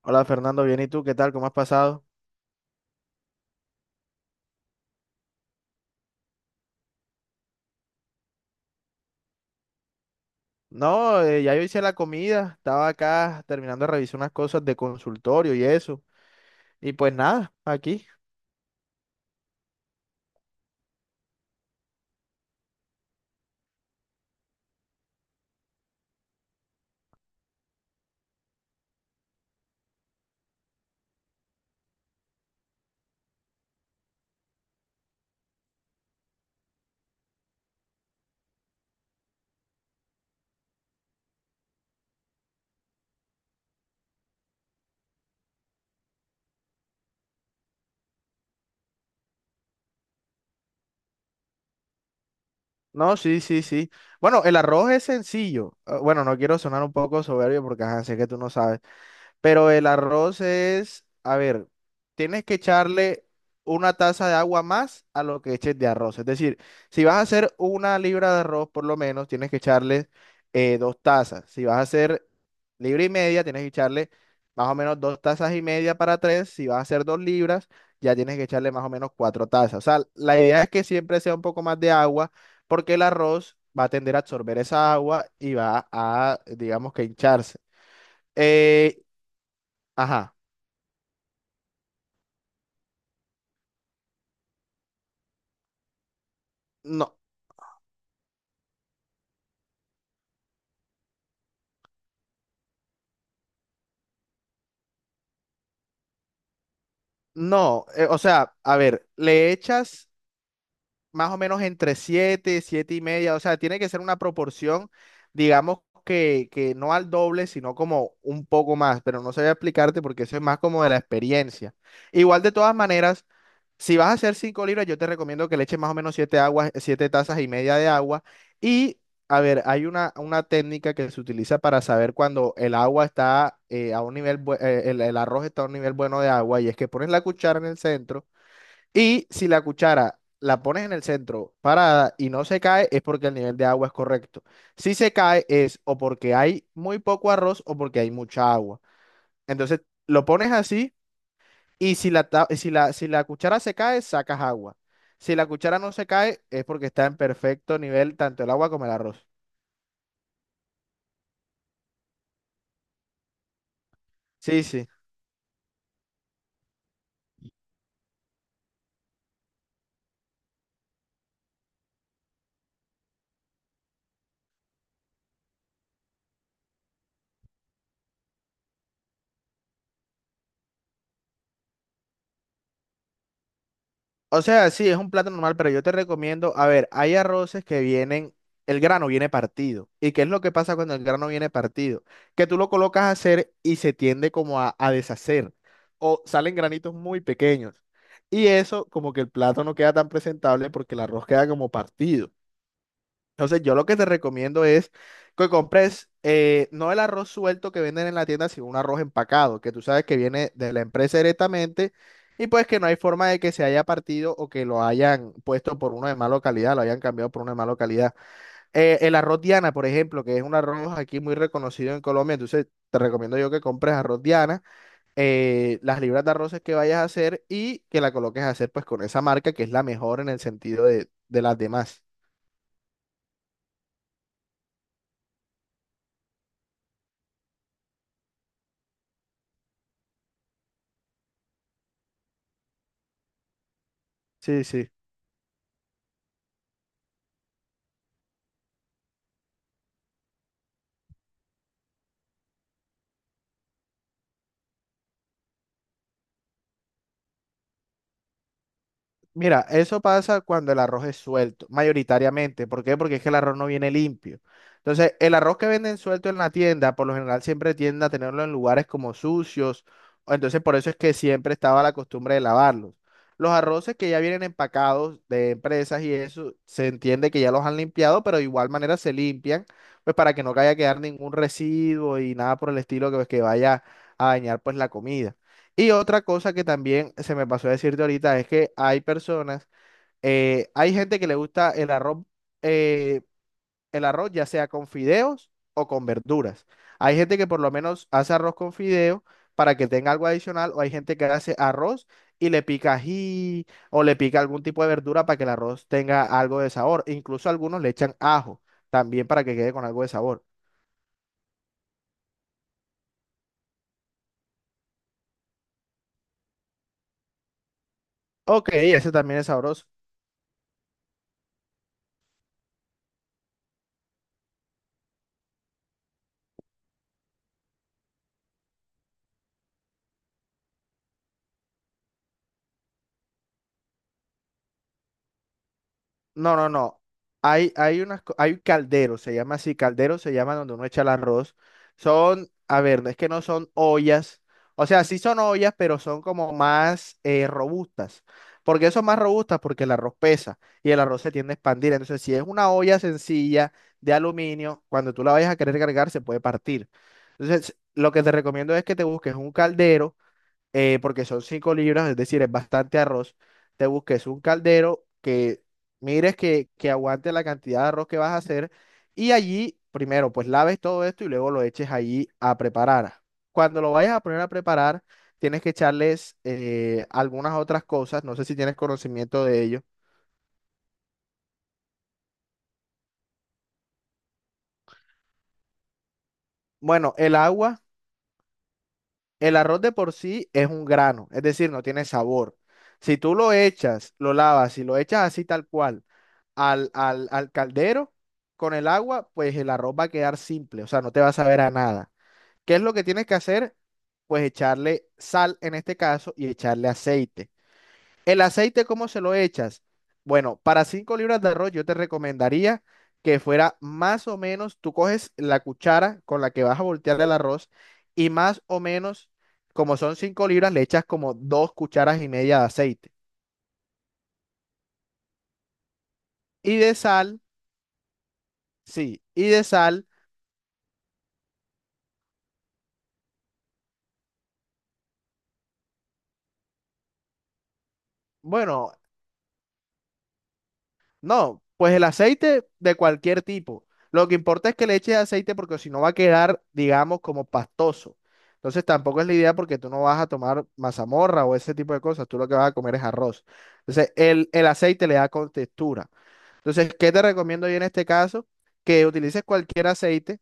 Hola Fernando, bien, ¿y tú qué tal? ¿Cómo has pasado? No, ya yo hice la comida, estaba acá terminando de revisar unas cosas de consultorio y eso. Y pues nada, aquí. No, sí, sí, sí. Bueno, el arroz es sencillo. Ah, bueno, no quiero sonar un poco soberbio porque ajá, sé que tú no sabes. Pero el arroz es, a ver, tienes que echarle 1 taza de agua más a lo que eches de arroz. Es decir, si vas a hacer 1 libra de arroz, por lo menos, tienes que echarle 2 tazas. Si vas a hacer libra y media, tienes que echarle más o menos 2 tazas y media para 3. Si vas a hacer 2 libras, ya tienes que echarle más o menos 4 tazas. O sea, la idea es que siempre sea un poco más de agua, porque el arroz va a tender a absorber esa agua y va a, digamos que hincharse. Eh, ajá. No, no, o sea, a ver, le echas, más o menos entre 7, 7 y media, o sea, tiene que ser una proporción, digamos que no al doble, sino como un poco más, pero no sabía explicarte porque eso es más como de la experiencia. Igual de todas maneras, si vas a hacer 5 libras, yo te recomiendo que le eches más o menos 7 aguas, 7 tazas y media de agua y... A ver, hay una técnica que se utiliza para saber cuando el agua está a un nivel, el arroz está a un nivel bueno de agua y es que pones la cuchara en el centro y si la cuchara la pones en el centro parada y no se cae, es porque el nivel de agua es correcto. Si se cae, es o porque hay muy poco arroz o porque hay mucha agua. Entonces lo pones así y si la, ta- si la, si la cuchara se cae, sacas agua. Si la cuchara no se cae, es porque está en perfecto nivel tanto el agua como el arroz. Sí, sí. O sea, sí, es un plato normal, pero yo te recomiendo, a ver, hay arroces que vienen, el grano viene partido. ¿Y qué es lo que pasa cuando el grano viene partido? Que tú lo colocas a hacer y se tiende como a deshacer o salen granitos muy pequeños. Y eso como que el plato no queda tan presentable porque el arroz queda como partido. Entonces, yo lo que te recomiendo es que compres no el arroz suelto que venden en la tienda, sino un arroz empacado, que tú sabes que viene de la empresa directamente y pues que no hay forma de que se haya partido o que lo hayan puesto por uno de mala calidad, lo hayan cambiado por uno de mala calidad. El arroz Diana, por ejemplo, que es un arroz aquí muy reconocido en Colombia, entonces te recomiendo yo que compres arroz Diana, las libras de arroces que vayas a hacer y que la coloques a hacer pues con esa marca que es la mejor en el sentido de las demás. Sí, sí. Mira, eso pasa cuando el arroz es suelto, mayoritariamente. ¿Por qué? Porque es que el arroz no viene limpio. Entonces, el arroz que venden suelto en la tienda, por lo general siempre tiende a tenerlo en lugares como sucios. O Entonces, por eso es que siempre estaba la costumbre de lavarlos. Los arroces que ya vienen empacados de empresas y eso, se entiende que ya los han limpiado, pero de igual manera se limpian, pues para que no vaya a quedar ningún residuo y nada por el estilo que, pues, que vaya a dañar pues la comida. Y otra cosa que también se me pasó a decirte ahorita es que hay personas, hay gente que le gusta eh, el arroz ya sea con fideos o con verduras. Hay gente que por lo menos hace arroz con fideo para que tenga algo adicional, o hay gente que hace arroz y le pica ají o le pica algún tipo de verdura para que el arroz tenga algo de sabor. Incluso algunos le echan ajo también para que quede con algo de sabor. Ok, ese también es sabroso. No, no, no. Hay hay calderos, se llama así, calderos se llama donde uno echa el arroz. Son, a ver, no es que no son ollas. O sea, sí son ollas, pero son como más robustas. ¿Por qué son más robustas? Porque el arroz pesa y el arroz se tiende a expandir. Entonces, si es una olla sencilla de aluminio, cuando tú la vayas a querer cargar, se puede partir. Entonces, lo que te recomiendo es que te busques un caldero porque son 5 libras, es decir, es bastante arroz, te busques un caldero que mires que aguante la cantidad de arroz que vas a hacer y allí primero pues laves todo esto y luego lo eches allí a preparar. Cuando lo vayas a poner a preparar, tienes que echarles algunas otras cosas, no sé si tienes conocimiento de ello. Bueno, el agua. El arroz de por sí es un grano, es decir, no tiene sabor. Si tú lo echas, lo lavas y lo echas así tal cual al caldero con el agua, pues el arroz va a quedar simple, o sea, no te va a saber a nada. ¿Qué es lo que tienes que hacer? Pues echarle sal en este caso y echarle aceite. ¿El aceite cómo se lo echas? Bueno, para 5 libras de arroz yo te recomendaría que fuera más o menos, tú coges la cuchara con la que vas a voltear el arroz y más o menos, como son 5 libras, le echas como 2 cucharas y media de aceite. Y de sal, sí, y de sal, bueno, No, pues el aceite de cualquier tipo. Lo que importa es que le eches aceite porque si no va a quedar, digamos, como pastoso. Entonces tampoco es la idea porque tú no vas a tomar mazamorra o ese tipo de cosas. Tú lo que vas a comer es arroz. Entonces el aceite le da con textura. Entonces, ¿qué te recomiendo yo en este caso? Que utilices cualquier aceite,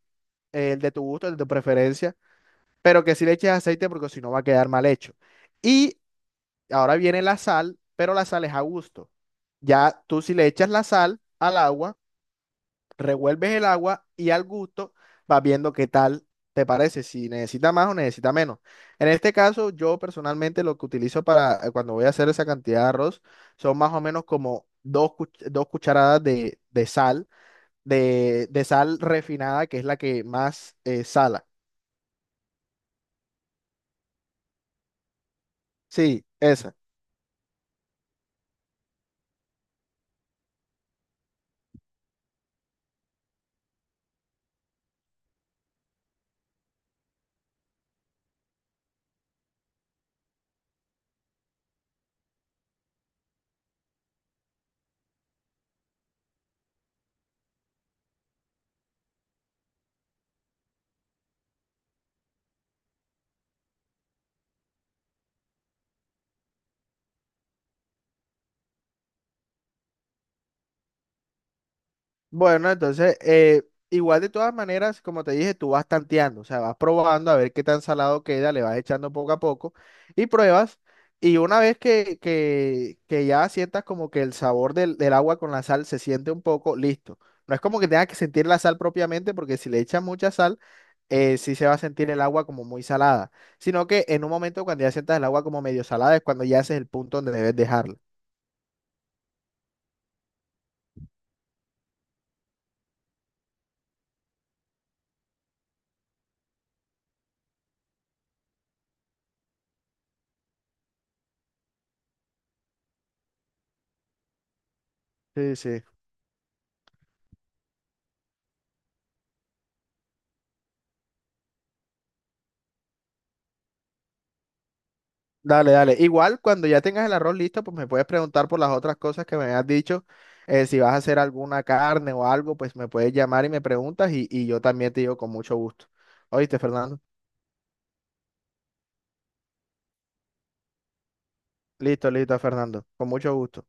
el de tu gusto, el de tu preferencia, pero que sí le eches aceite porque si no va a quedar mal hecho. Y ahora viene la sal, pero la sal es a gusto. Ya tú si le echas la sal al agua, revuelves el agua y al gusto vas viendo qué tal te parece, si necesita más o necesita menos. En este caso, yo personalmente lo que utilizo para cuando voy a hacer esa cantidad de arroz son más o menos como dos cucharadas de sal, de sal refinada, que es la que más sala. Sí, esa. Bueno, entonces, igual de todas maneras, como te dije, tú vas tanteando, o sea, vas probando a ver qué tan salado queda, le vas echando poco a poco y pruebas. Y una vez que, ya sientas como que el sabor del agua con la sal se siente un poco, listo. No es como que tengas que sentir la sal propiamente, porque si le echas mucha sal, sí se va a sentir el agua como muy salada. Sino que en un momento cuando ya sientas el agua como medio salada es cuando ya haces el punto donde debes dejarla. Sí, sí. Dale, dale. Igual cuando ya tengas el arroz listo, pues me puedes preguntar por las otras cosas que me has dicho. Si vas a hacer alguna carne o algo, pues me puedes llamar y me preguntas y yo también te digo con mucho gusto. ¿Oíste, Fernando? Listo, listo, Fernando. Con mucho gusto.